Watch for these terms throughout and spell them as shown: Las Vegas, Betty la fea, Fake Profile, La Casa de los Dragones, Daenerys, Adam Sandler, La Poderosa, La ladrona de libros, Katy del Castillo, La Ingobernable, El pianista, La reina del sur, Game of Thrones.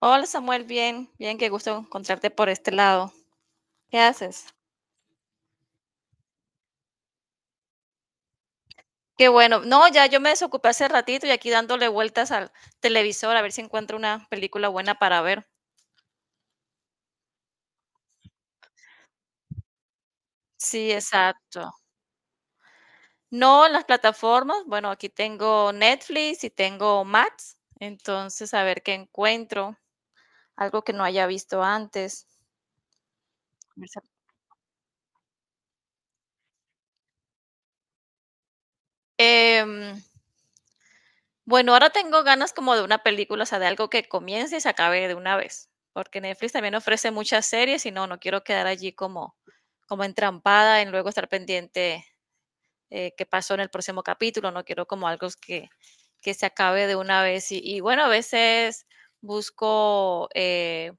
Hola Samuel, bien, bien, qué gusto encontrarte por este lado. ¿Qué haces? Qué bueno. No, ya yo me desocupé hace ratito y aquí dándole vueltas al televisor a ver si encuentro una película buena para ver. Sí, exacto. No, en las plataformas, bueno, aquí tengo Netflix y tengo Max, entonces a ver qué encuentro, algo que no haya visto antes. Em, Bueno, ahora tengo ganas como de una película, o sea, de algo que comience y se acabe de una vez, porque Netflix también ofrece muchas series y no, no quiero quedar allí como, como entrampada en luego estar pendiente, qué pasó en el próximo capítulo, no quiero como algo que se acabe de una vez. Y bueno, a veces busco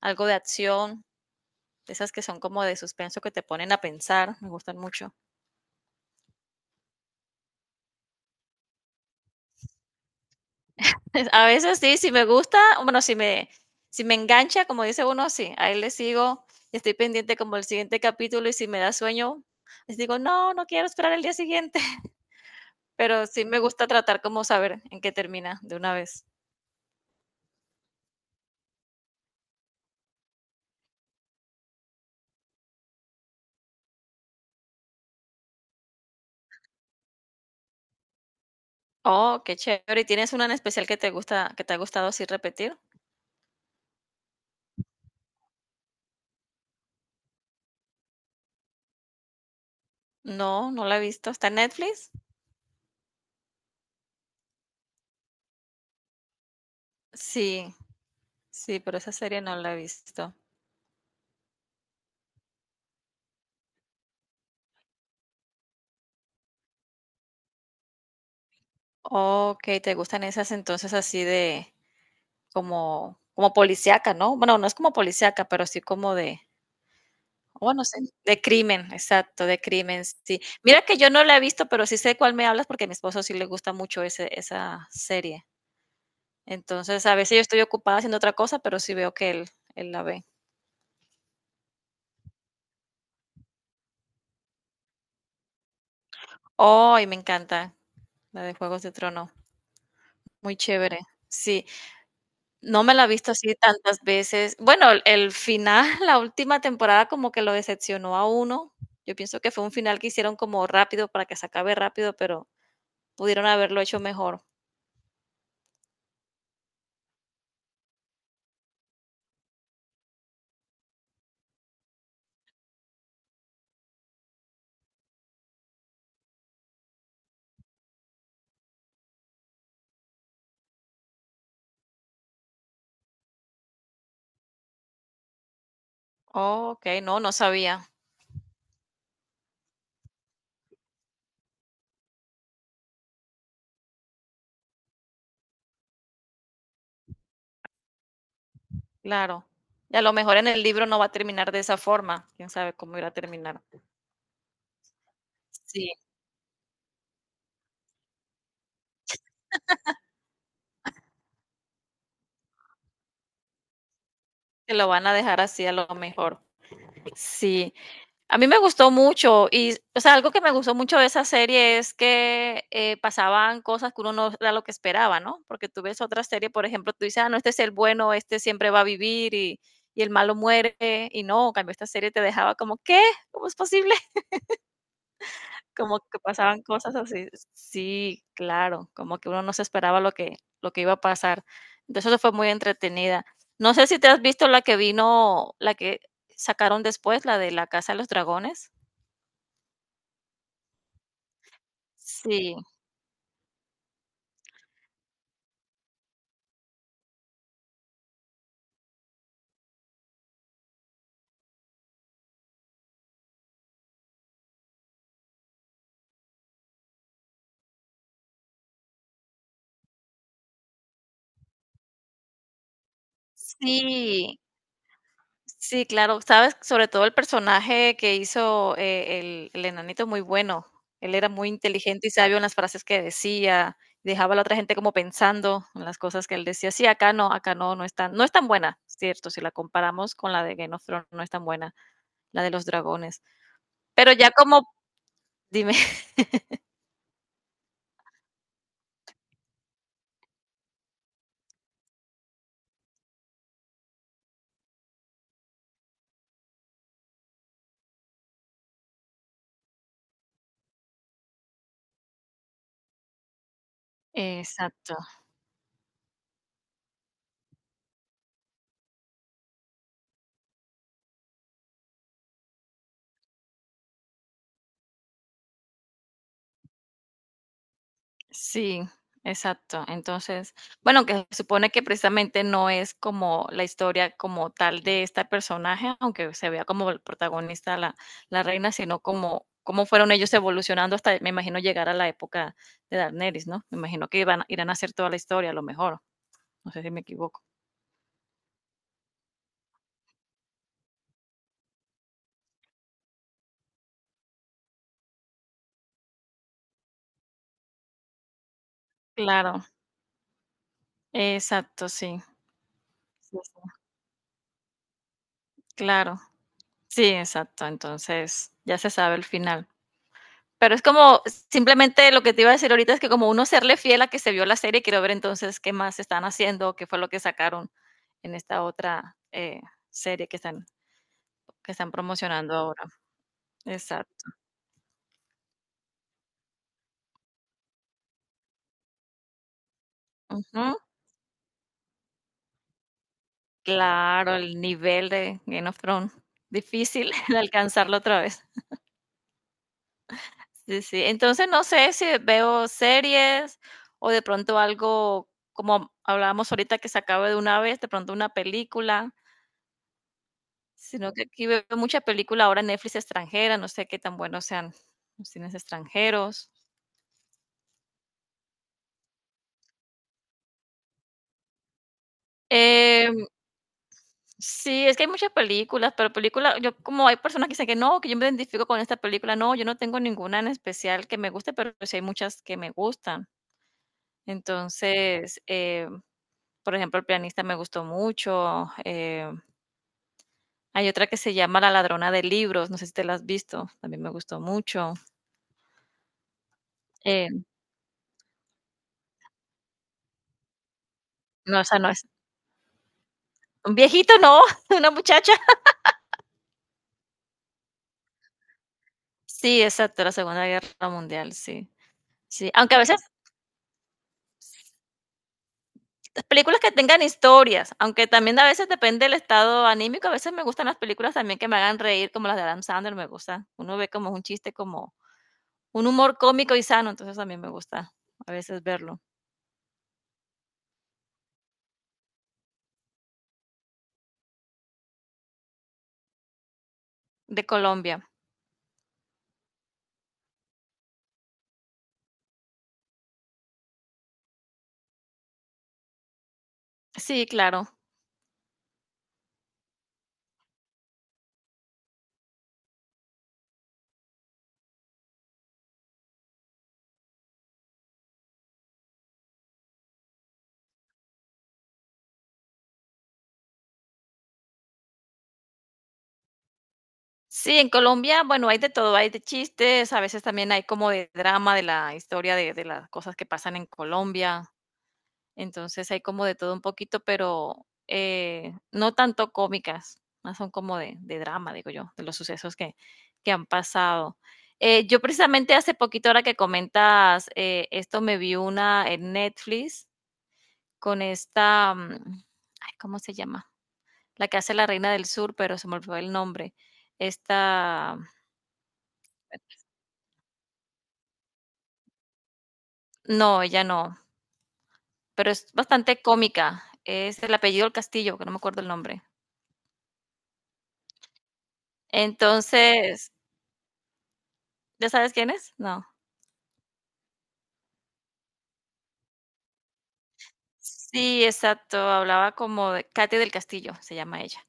algo de acción, de esas que son como de suspenso que te ponen a pensar, me gustan mucho. A veces sí, si me gusta, bueno, si me, si me engancha, como dice uno, sí, a él le sigo y estoy pendiente como el siguiente capítulo y si me da sueño, les digo, no, no quiero esperar el día siguiente. Pero sí me gusta tratar como saber en qué termina de una vez. Oh, qué chévere. ¿Y tienes una en especial que te gusta, que te ha gustado así repetir? No, no la he visto. ¿Está en Netflix? Sí, sí, pero esa serie no la he visto. Ok, ¿te gustan esas entonces así de, como como policíaca, no? Bueno, no es como policíaca, pero sí como de, bueno, sí, de crimen, exacto, de crimen, sí. Mira que yo no la he visto, pero sí sé de cuál me hablas porque a mi esposo sí le gusta mucho ese, esa serie. Entonces, a veces yo estoy ocupada haciendo otra cosa, pero sí veo que él la ve. ¡Ay, me encanta! La de Juegos de Trono. Muy chévere. Sí. No me la he visto así tantas veces. Bueno, el final, la última temporada como que lo decepcionó a uno. Yo pienso que fue un final que hicieron como rápido para que se acabe rápido, pero pudieron haberlo hecho mejor. Okey, no, no sabía. Claro. Y a lo mejor en el libro no va a terminar de esa forma. Quién sabe cómo irá a terminar. Sí, que lo van a dejar así a lo mejor. Sí. A mí me gustó mucho y, o sea, algo que me gustó mucho de esa serie es que, pasaban cosas que uno no era lo que esperaba, ¿no? Porque tú ves otra serie, por ejemplo, tú dices: "Ah, no, este es el bueno, este siempre va a vivir y el malo muere", y no, en cambio esta serie te dejaba como: "¿Qué? ¿Cómo es posible?". Como que pasaban cosas así. Sí, claro, como que uno no se esperaba lo que iba a pasar. Entonces, eso fue muy entretenida. No sé si te has visto la que vino la que sacaron después, la de La Casa de los Dragones. Sí. Sí, sí, claro, sabes, sobre todo el personaje que hizo, el enanito muy bueno. Él era muy inteligente y sabio en las frases que decía, dejaba a la otra gente como pensando en las cosas que él decía. Sí, acá no, no es tan, no es tan buena, cierto, si la comparamos con la de Game of Thrones, no es tan buena, la de los dragones. Pero ya como dime. Exacto. Sí, exacto. Entonces, bueno, que se supone que precisamente no es como la historia como tal de este personaje, aunque se vea como el protagonista la, la reina, sino como cómo fueron ellos evolucionando hasta, me imagino, llegar a la época de Daenerys, ¿no? Me imagino que iban, irán a hacer toda la historia, a lo mejor. No sé si me equivoco. Claro, exacto, sí. Sí, sí. Claro, sí, exacto. Entonces, ya se sabe el final. Pero es como, simplemente lo que te iba a decir ahorita es que como uno serle fiel a que se vio la serie, quiero ver entonces qué más están haciendo, qué fue lo que sacaron en esta otra serie que están promocionando ahora. Exacto. Ujú. Claro, el nivel de Game of Thrones. Difícil de alcanzarlo otra vez. Sí, sí. Entonces no sé si veo series o de pronto algo como hablábamos ahorita que se acabe de una vez, de pronto una película. Sino que aquí veo mucha película ahora en Netflix extranjera, no sé qué tan buenos sean los cines extranjeros. Em, sí, es que hay muchas películas, pero película yo como hay personas que dicen que no, que yo me identifico con esta película, no, yo no tengo ninguna en especial que me guste, pero sí hay muchas que me gustan. Entonces, por ejemplo, El pianista me gustó mucho. Hay otra que se llama La ladrona de libros, no sé si te la has visto, también me gustó mucho. Eh, no, o sea no es. Un viejito, no, una muchacha. Sí, exacto, la Segunda Guerra Mundial, sí. Sí, aunque a veces películas que tengan historias, aunque también a veces depende del estado anímico, a veces me gustan las películas también que me hagan reír, como las de Adam Sandler, me gusta. Uno ve como un chiste, como un humor cómico y sano, entonces también me gusta a veces verlo. De Colombia. Sí, claro. Sí, en Colombia, bueno, hay de todo, hay de chistes, a veces también hay como de drama de la historia de las cosas que pasan en Colombia. Entonces hay como de todo un poquito, pero, no tanto cómicas, más son como de drama, digo yo, de los sucesos que han pasado. Yo precisamente hace poquito, ahora que comentas, esto me vi una en Netflix con esta, ay, ¿cómo se llama? La que hace la reina del sur, pero se me olvidó el nombre. Esta, no, ella no, pero es bastante cómica. Es el apellido del Castillo, que no me acuerdo el nombre. Entonces, ¿ya sabes quién es? No. Sí, exacto, hablaba como de Katy del Castillo, se llama ella.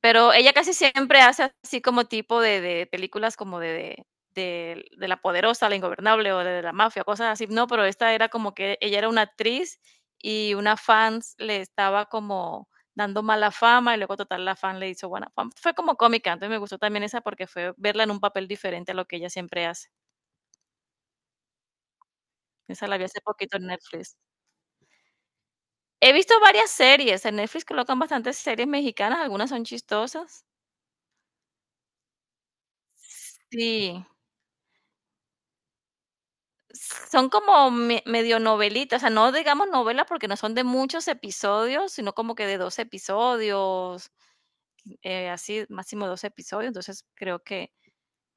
Pero ella casi siempre hace así como tipo de películas como de La Poderosa, La Ingobernable o de la mafia, cosas así, no, pero esta era como que ella era una actriz y una fan le estaba como dando mala fama y luego total la fan le hizo buena fama. Fue como cómica, entonces me gustó también esa porque fue verla en un papel diferente a lo que ella siempre hace. Esa la vi hace poquito en Netflix. He visto varias series, en Netflix colocan bastantes series mexicanas, algunas son chistosas. Sí, son como me medio novelitas, o sea, no digamos novelas porque no son de muchos episodios, sino como que de dos episodios, así, máximo dos episodios, entonces creo que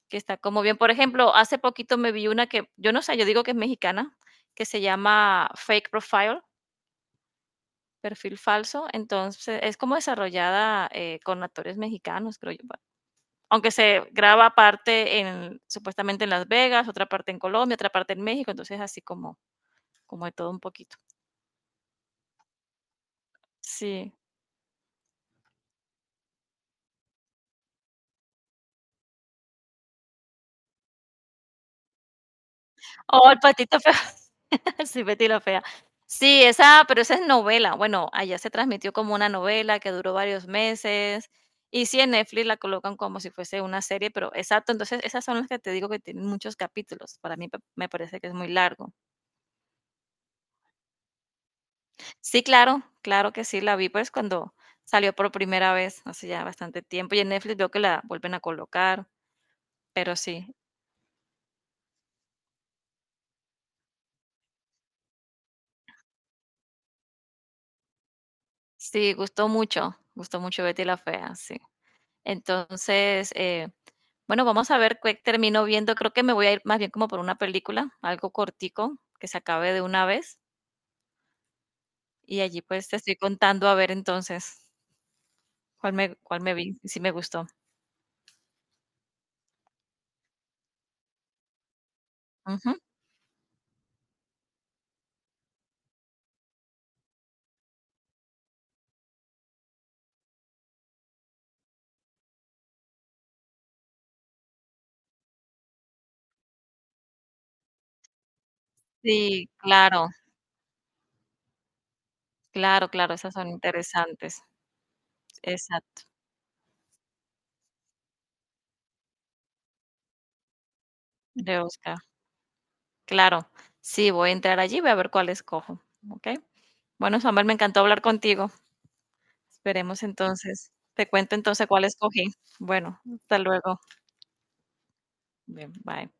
que está como bien. Por ejemplo, hace poquito me vi una que, yo no sé, yo digo que es mexicana, que se llama Fake Profile, perfil falso, entonces es como desarrollada, con actores mexicanos, creo yo, aunque se graba parte en, supuestamente en Las Vegas, otra parte en Colombia, otra parte en México, entonces así como, como de todo un poquito. Sí. Oh, el patito feo. Sí, Betty la fea. Sí, esa, pero esa es novela. Bueno, allá se transmitió como una novela que duró varios meses. Y sí, en Netflix la colocan como si fuese una serie, pero exacto, entonces esas son las que te digo que tienen muchos capítulos. Para mí me parece que es muy largo. Sí, claro, claro que sí, la vi, pues, cuando salió por primera vez, hace ya bastante tiempo, y en Netflix veo que la vuelven a colocar, pero sí, sí, gustó mucho Betty la Fea, sí. Entonces, bueno, vamos a ver qué termino viendo, creo que me voy a ir más bien como por una película, algo cortico, que se acabe de una vez, y allí pues te estoy contando a ver entonces cuál me vi, y si me gustó. Ujú. Sí, claro, claro, claro, esas son interesantes, exacto, de Oscar. Claro, sí, voy a entrar allí, voy a ver cuál escojo, ¿ok? Bueno, Samuel, me encantó hablar contigo. Esperemos entonces te cuento entonces cuál escogí. Bueno, hasta luego. Bien, bye.